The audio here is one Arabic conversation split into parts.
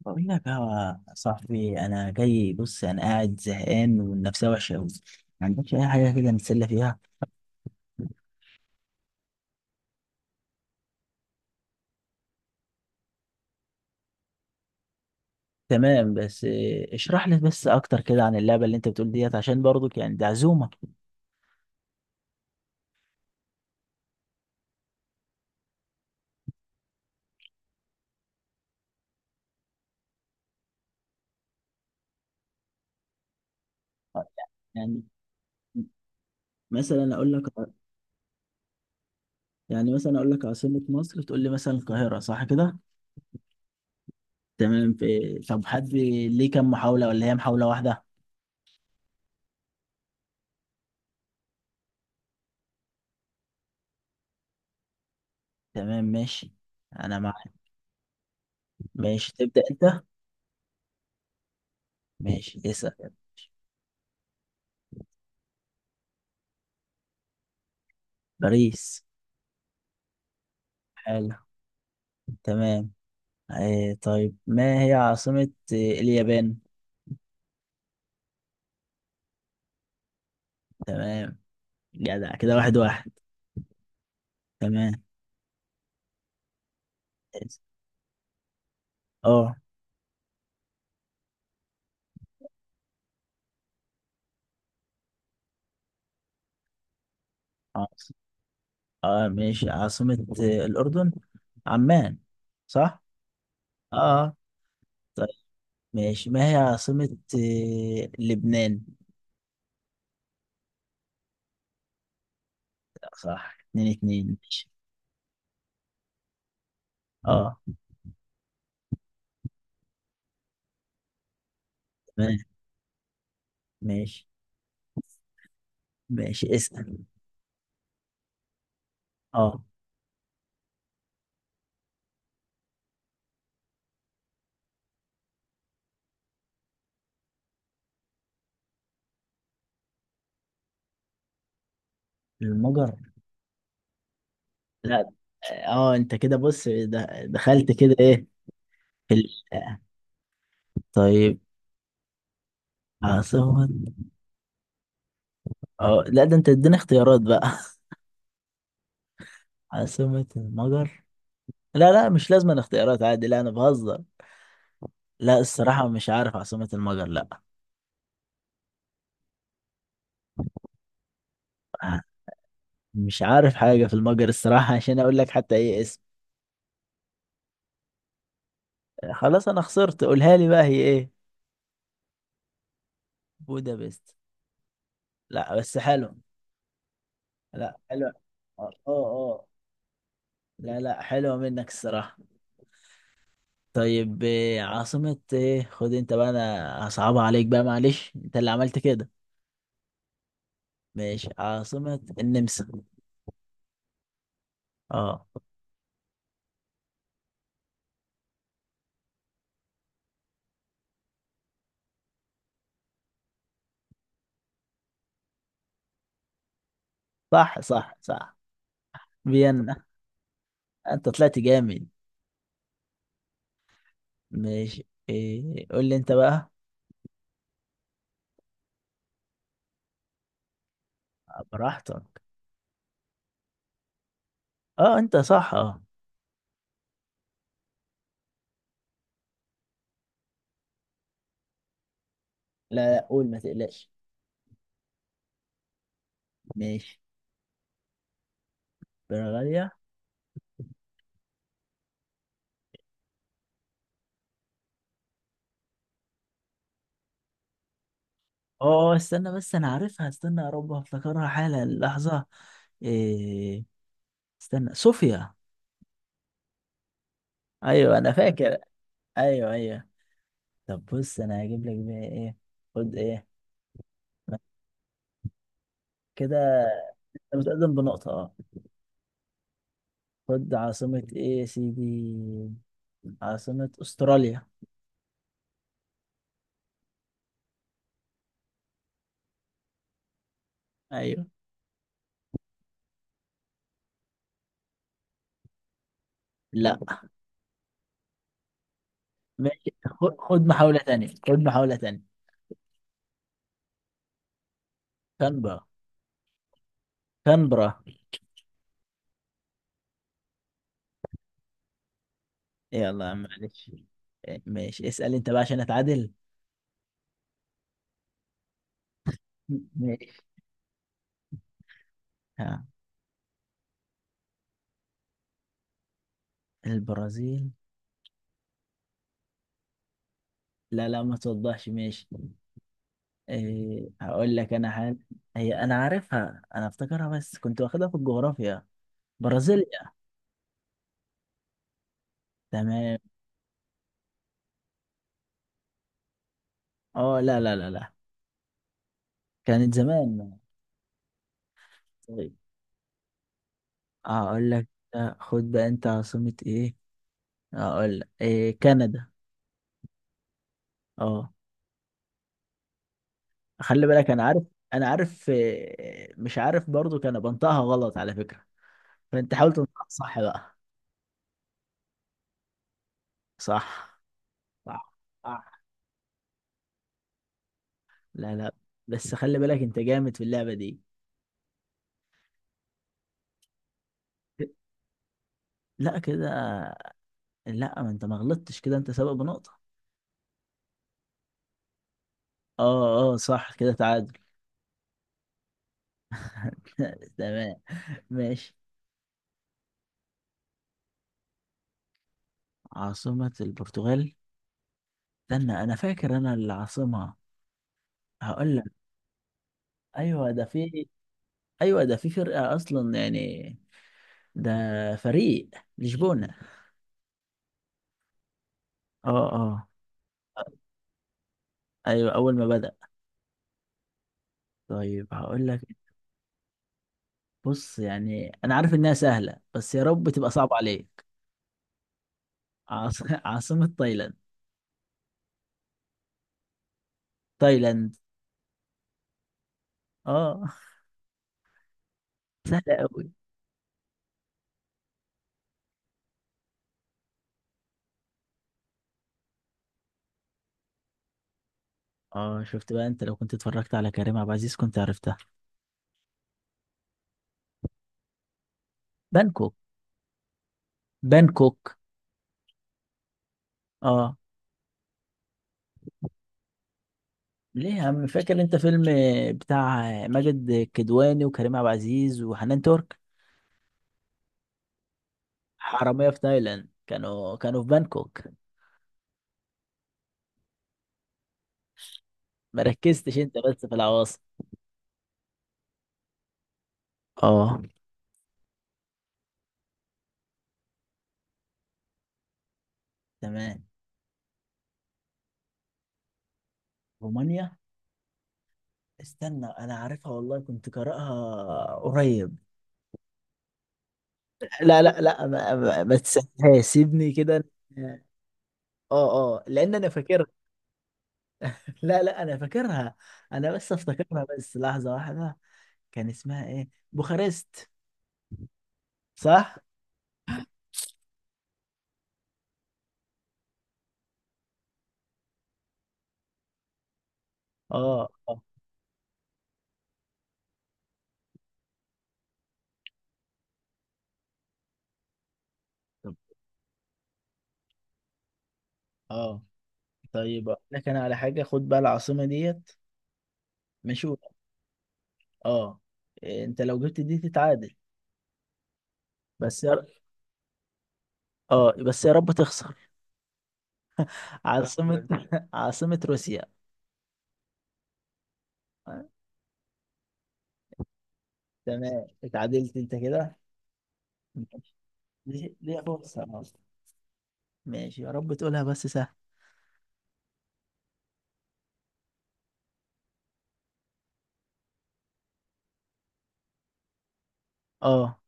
بقول لك يا صاحبي، انا جاي. بص انا قاعد زهقان والنفسيه وحشه قوي. ما عندكش اي حاجه كده نتسلى فيها؟ تمام، بس اشرح لي بس اكتر كده عن اللعبه اللي انت بتقول ديت، عشان برضك يعني دي عزومه. يعني مثلا اقول لك يعني مثلا اقول لك عاصمه مصر تقول لي مثلا القاهره، صح كده؟ تمام. في طب حد ليه كام محاوله ولا هي محاوله واحده؟ تمام ماشي. انا معاك. ماشي تبدا انت. ماشي اسال. باريس. حلو. تمام. إيه طيب، ما هي عاصمة اليابان؟ تمام. جدع كده، واحد واحد. تمام. اه. عاص- اه ماشي، عاصمة الأردن. عمان. صح. اه. طيب ماشي، ما هي عاصمة لبنان؟ صح. اتنين اتنين. ماشي. اه. تمام. ماشي. ماشي اسأل. اه. المجر؟ لا. اه انت كده، بص دخلت كده ايه في ال- طيب. عاصمة. اه لا، ده انت اديني اختيارات بقى. عاصمة المجر. لا لا، مش لازم الاختيارات، عادي. لا انا بهزر. لا الصراحة مش عارف عاصمة المجر. لا. مش عارف حاجة في المجر الصراحة عشان اقول لك حتى ايه اسم. خلاص انا خسرت، قولها لي بقى، هي ايه؟ بودابست. لا بس حلو. لا حلو. اه اه آه. لا لا، حلوة منك الصراحة. طيب إيه عاصمة ايه، خد انت بقى، انا هصعبها عليك بقى، معلش انت اللي عملت كده. ماشي. عاصمة النمسا. اه صح صح صح. فيينا. انت طلعت جامد. ماشي، إيه قول لي انت بقى. براحتك. اه انت صح اه. لا لا، قول ما تقلقش. ماشي. برغاليا. اه اه، استنى بس انا عارفها، استنى يا رب افتكرها حالا لحظة. إيه. استنى. صوفيا. ايوه انا فاكر. ايوه ايوه. طب بص، انا هجيب لك بقى ايه، خد ايه. كده. انت متقدم بنقطة، اه. خد عاصمة ايه يا سيدي. عاصمة استراليا. ايوه. لا. ماشي، خد محاولة تانية، خد محاولة تانية. كانبرا. كانبرا. يلا معلش. ماشي اسأل انت بقى عشان اتعادل. ماشي. ها. البرازيل. لا لا، ما توضحش. ماشي. إيه هقول لك انا حاجة. هي انا عارفها، انا افتكرها بس كنت واخدها في الجغرافيا. برازيليا. تمام. اه لا لا لا لا. كانت زمان. طيب هقول لك، خد بقى انت عاصمة ايه، هقول لك إيه، كندا. اه. خلي بالك انا عارف. انا عارف مش عارف برضو، كان بنطقها غلط على فكرة، فانت حاول تنطقها صح بقى. صح صح صح. لا لا، بس خلي بالك انت جامد في اللعبة دي. لا كده. لا ما انت ما غلطتش كده، انت سابق بنقطة. اه اه صح، كده تعادل. تمام. ماشي. عاصمة البرتغال. استنى انا فاكر انا العاصمة، هقول لك. ايوه ده في، ايوه ده في فرقة اصلا يعني. ده فريق، لشبونة. اه اه. ايوه اول ما بدأ. طيب هقول لك. بص يعني انا عارف انها سهلة بس يا رب تبقى صعبة عليك. عاصمة تايلاند. تايلاند. اه. سهلة قوي. اه شفت بقى، انت لو كنت اتفرجت على كريم عبد العزيز كنت عرفتها. بانكوك. بانكوك. اه. ليه يا عم، فاكر انت فيلم بتاع ماجد كدواني وكريم عبد العزيز وحنان ترك، حرامية في تايلاند، كانوا في بانكوك. مركزتش انت بس في العواصم. اه. تمام. رومانيا. استنى انا عارفها والله، كنت قارئها قريب. لا لا لا، ما تسيبها، سيبني كده. اه اه، لان انا فاكرها. لا لا انا فاكرها. انا بس افتكرها، بس لحظة واحدة. كان اسمها ايه، بوخارست. صح. اه اه. طب- اه طيب، أقول لك انا على حاجة، خد بقى العاصمة ديت. ماشي. اه. إيه، انت لو جبت دي تتعادل. بس يا ر- اه بس يا رب تخسر. عاصمة عاصمة روسيا. آه. تمام اتعادلت انت كده. ماشي. ليه ليه فرصة أصلا. ماشي، يا رب تقولها بس سهل. اه.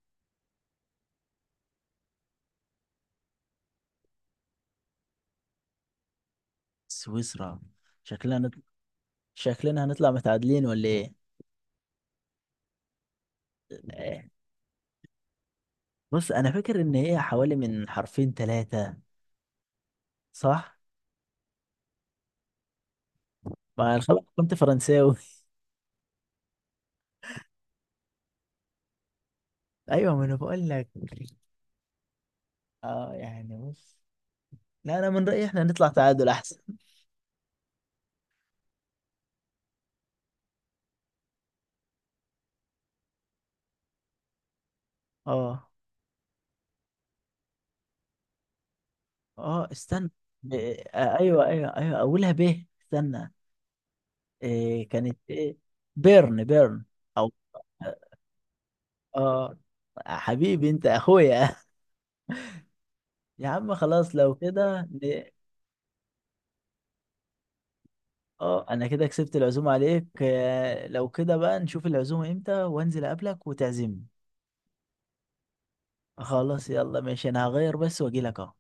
سويسرا. شكلنا نط... شكلنا هنطلع متعادلين ولا ايه؟ إيه. بص انا فاكر ان هي حوالي من حرفين ثلاثة. صح. ما الخبر كنت فرنساوي. ايوه ما انا بقول لك. اه يعني بص، لا انا من رأيي احنا نطلع تعادل احسن. اه اه استنى. ب... آه ايوه ايوه ايوه، اولها ب. استنى. إيه كانت ايه؟ بيرن. بيرن. او. اه. حبيبي انت اخويا. يا عم خلاص، لو كده اه انا كده كسبت العزومة عليك. لو كده بقى نشوف العزومة امتى، وانزل اقابلك وتعزمني. خلاص يلا ماشي، انا هغير بس واجيلك اهو.